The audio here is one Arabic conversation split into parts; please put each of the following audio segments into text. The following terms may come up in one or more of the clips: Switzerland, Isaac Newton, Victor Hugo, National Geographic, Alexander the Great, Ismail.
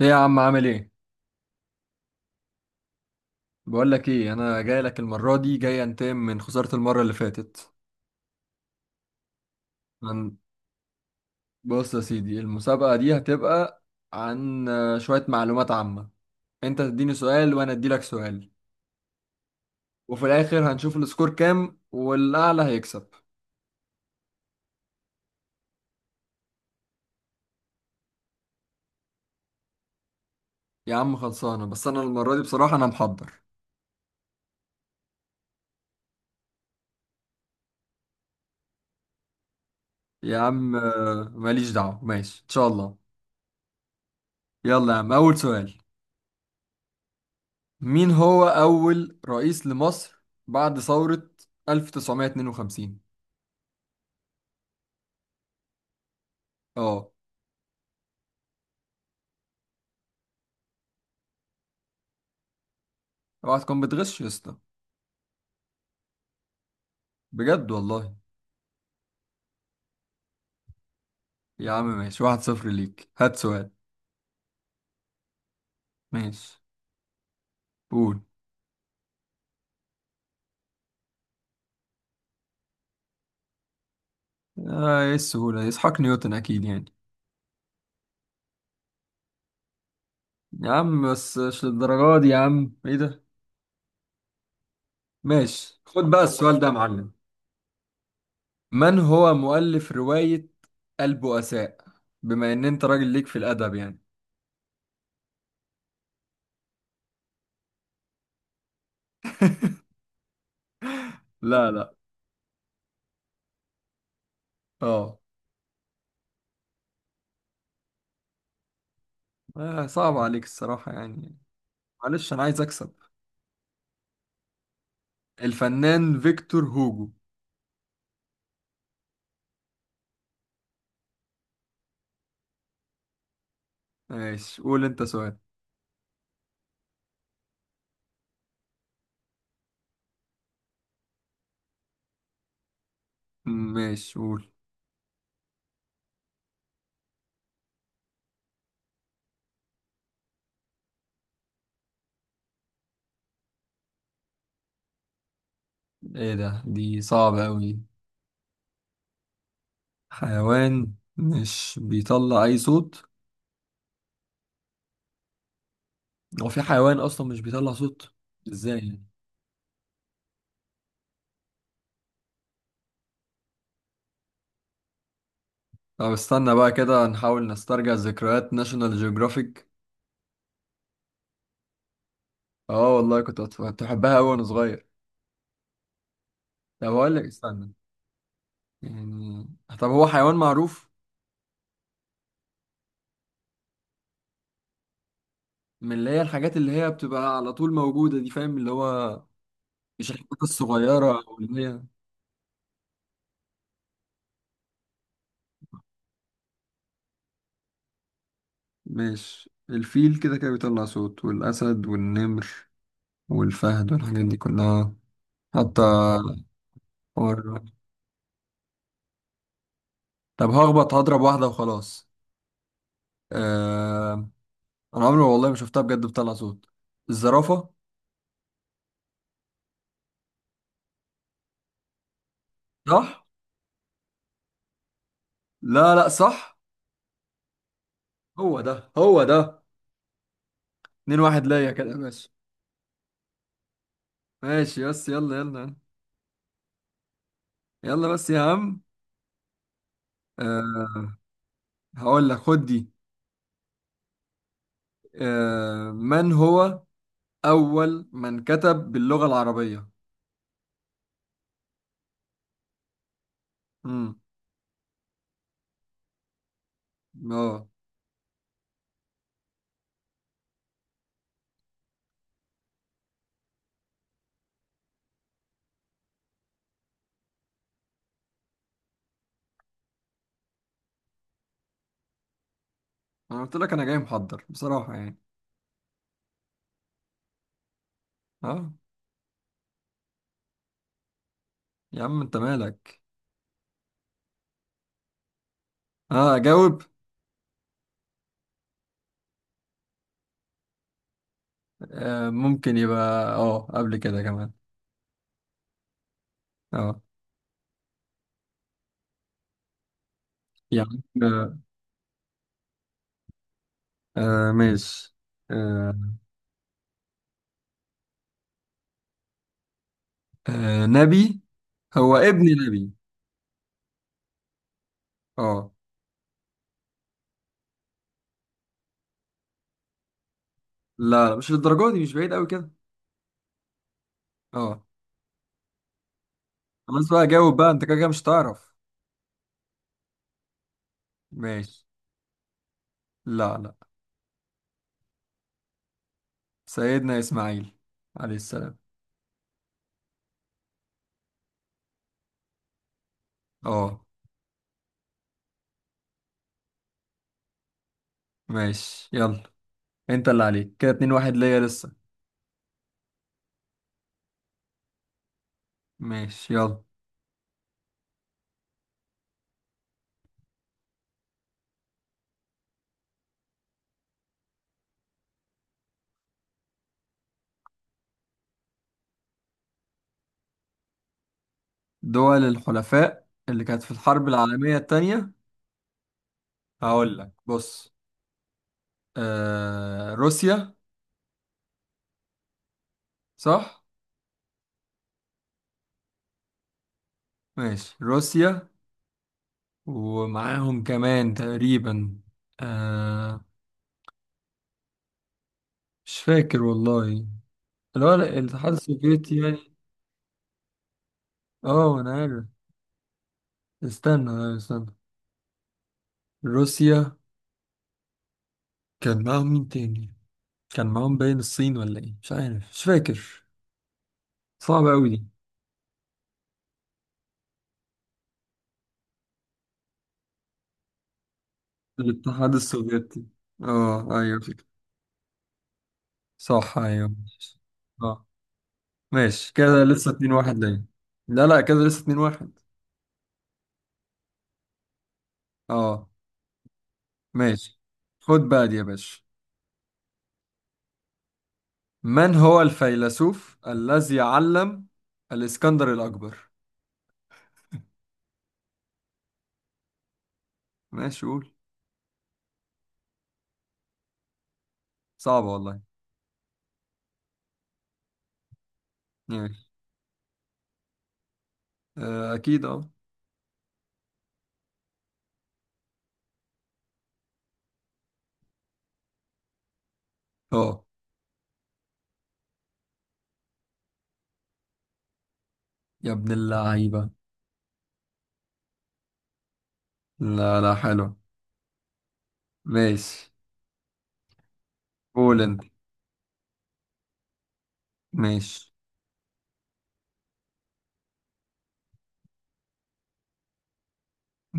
ايه يا عم، عامل ايه؟ بقول لك ايه، انا جاي لك المره دي، جاي انتقم من خساره المره اللي فاتت. عن بص يا سيدي، المسابقه دي هتبقى عن شويه معلومات عامه. انت تديني سؤال وانا ادي لك سؤال، وفي الاخر هنشوف السكور كام والاعلى هيكسب. يا عم خلصانه، بس انا المره دي بصراحه انا محضر. يا عم ماليش دعوه، ماشي ان شاء الله. يلا يا عم، اول سؤال: مين هو اول رئيس لمصر بعد ثوره 1952؟ اه. اوعى تكون بتغش يا اسطى. بجد والله. يا عم ماشي، 1-0 ليك، هات سؤال. ماشي، قول. آه، ايه السهولة دي؟ اسحاق نيوتن اكيد يعني. يا عم بس مش للدرجة دي يا عم، ايه ده؟ ماشي، خد بقى السؤال ده يا معلم. من هو مؤلف رواية البؤساء؟ بما ان انت راجل ليك في الادب يعني. لا لا. اه. آه، صعب عليك الصراحة يعني. معلش انا عايز اكسب. الفنان فيكتور هوجو. ماشي، قول انت سؤال. ماشي قول. ايه ده، دي صعبة أوي. حيوان مش بيطلع أي صوت؟ هو في حيوان أصلا مش بيطلع صوت؟ ازاي يعني؟ طب استنى بقى كده نحاول نسترجع ذكريات ناشونال جيوغرافيك. اه والله، كنت بحبها أوي وأنا صغير. طب هقول لك، استنى. يعني، طب هو حيوان معروف. من اللي هي الحاجات اللي هي بتبقى على طول موجودة دي، فاهم؟ اللي هو مش الحاجات الصغيرة أو اللي هي. مش الفيل كده كده بيطلع صوت، والأسد والنمر والفهد والحاجات دي كلها. حتى. حوار. طب هخبط، هضرب واحدة وخلاص. آه... أنا عمري والله ما شفتها بجد بتطلع صوت، الزرافة. صح؟ لا لا صح. هو ده، هو ده. 2-1 ليا كده، ماشي. ماشي بس، يلا يلا. يلا بس يا عم. آه... هقول لك خد دي. من هو أول من كتب باللغة العربية؟ امم اه. أنا قلت لك أنا جاي محضر بصراحة يعني. اه. يا عم أنت مالك؟ اه، جاوب. ممكن يبقى. اه، قبل كده كمان. اه. يعني آه. ماشي. آه. آه نبي. هو ابن نبي. اه. لا لا، مش للدرجة دي، مش بعيد قوي كده. اه. خلاص بقى جاوب بقى، انت كده كده مش تعرف. ماشي. لا لا. سيدنا اسماعيل عليه السلام. اه. ماشي يلا. انت اللي عليك كده، 2-1 ليا لسه. ماشي يلا. دول الحلفاء اللي كانت في الحرب العالمية التانية. هقول لك بص: روسيا. صح. ماشي، روسيا، ومعاهم كمان تقريبا آه مش فاكر والله. اللي هو الاتحاد السوفيتي يعني. اه انا عارف. استنى استنى. روسيا، كان معاهم مين تاني؟ كان معاهم باين الصين ولا ايه، مش عارف، مش فاكر. صعبة قوي دي. الاتحاد السوفيتي. اه ايوه، فكرة. صح ايوه ماشي. اه. ماشي كده، لسه 2-1 ليا. لا لا، كده لسه 2-1. اه. ماشي، خد بقى دي يا باشا. من هو الفيلسوف الذي علم الإسكندر الأكبر؟ ماشي قول. صعبة والله. ماشي. أكيد أه. أه. يا ابن اللعيبة. لا لا حلو. ماشي. قول أنت. ماشي.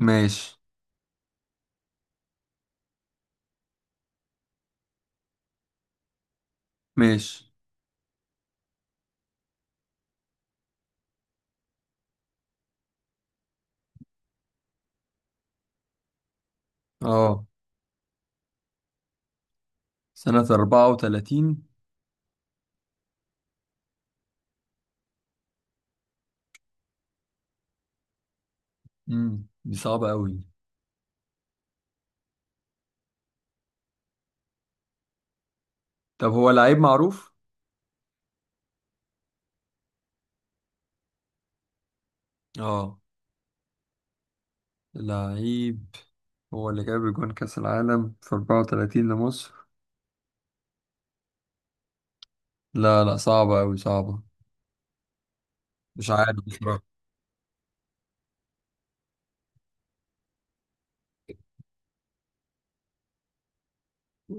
ماشي ماشي. أه. سنة 34. دي صعبة أوي. طب هو لعيب معروف؟ أه. لعيب هو اللي جاب جون كأس العالم في 34 لمصر؟ لا لا، صعبة أوي، صعبة. مش عارف بصراحة.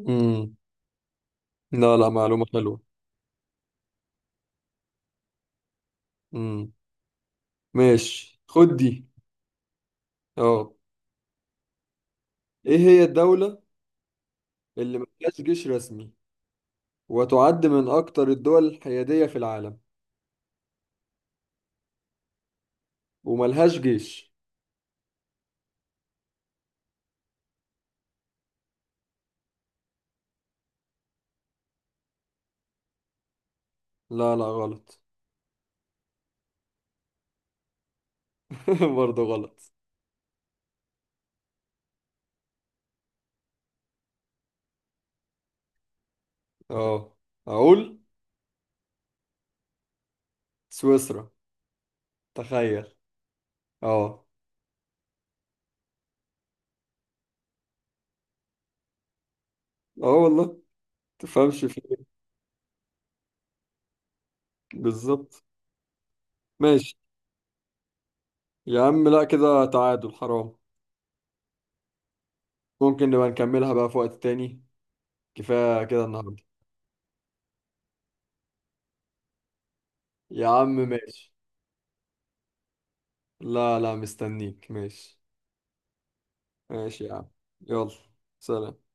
امم لا لا، معلومة حلوة. امم ماشي، خد دي. اه. ايه هي الدولة اللي ملهاش جيش رسمي، وتعد من اكتر الدول الحيادية في العالم وملهاش جيش؟ لا لا غلط. برضه غلط. اه اقول. سويسرا، تخيل. اه. اه والله. تفهمش في إيه. بالظبط. ماشي يا عم، لا كده تعادل، حرام. ممكن نبقى نكملها بقى في وقت تاني، كفاية كده النهاردة. يا عم ماشي. لا لا مستنيك، ماشي. ماشي يا عم. يلا. سلام.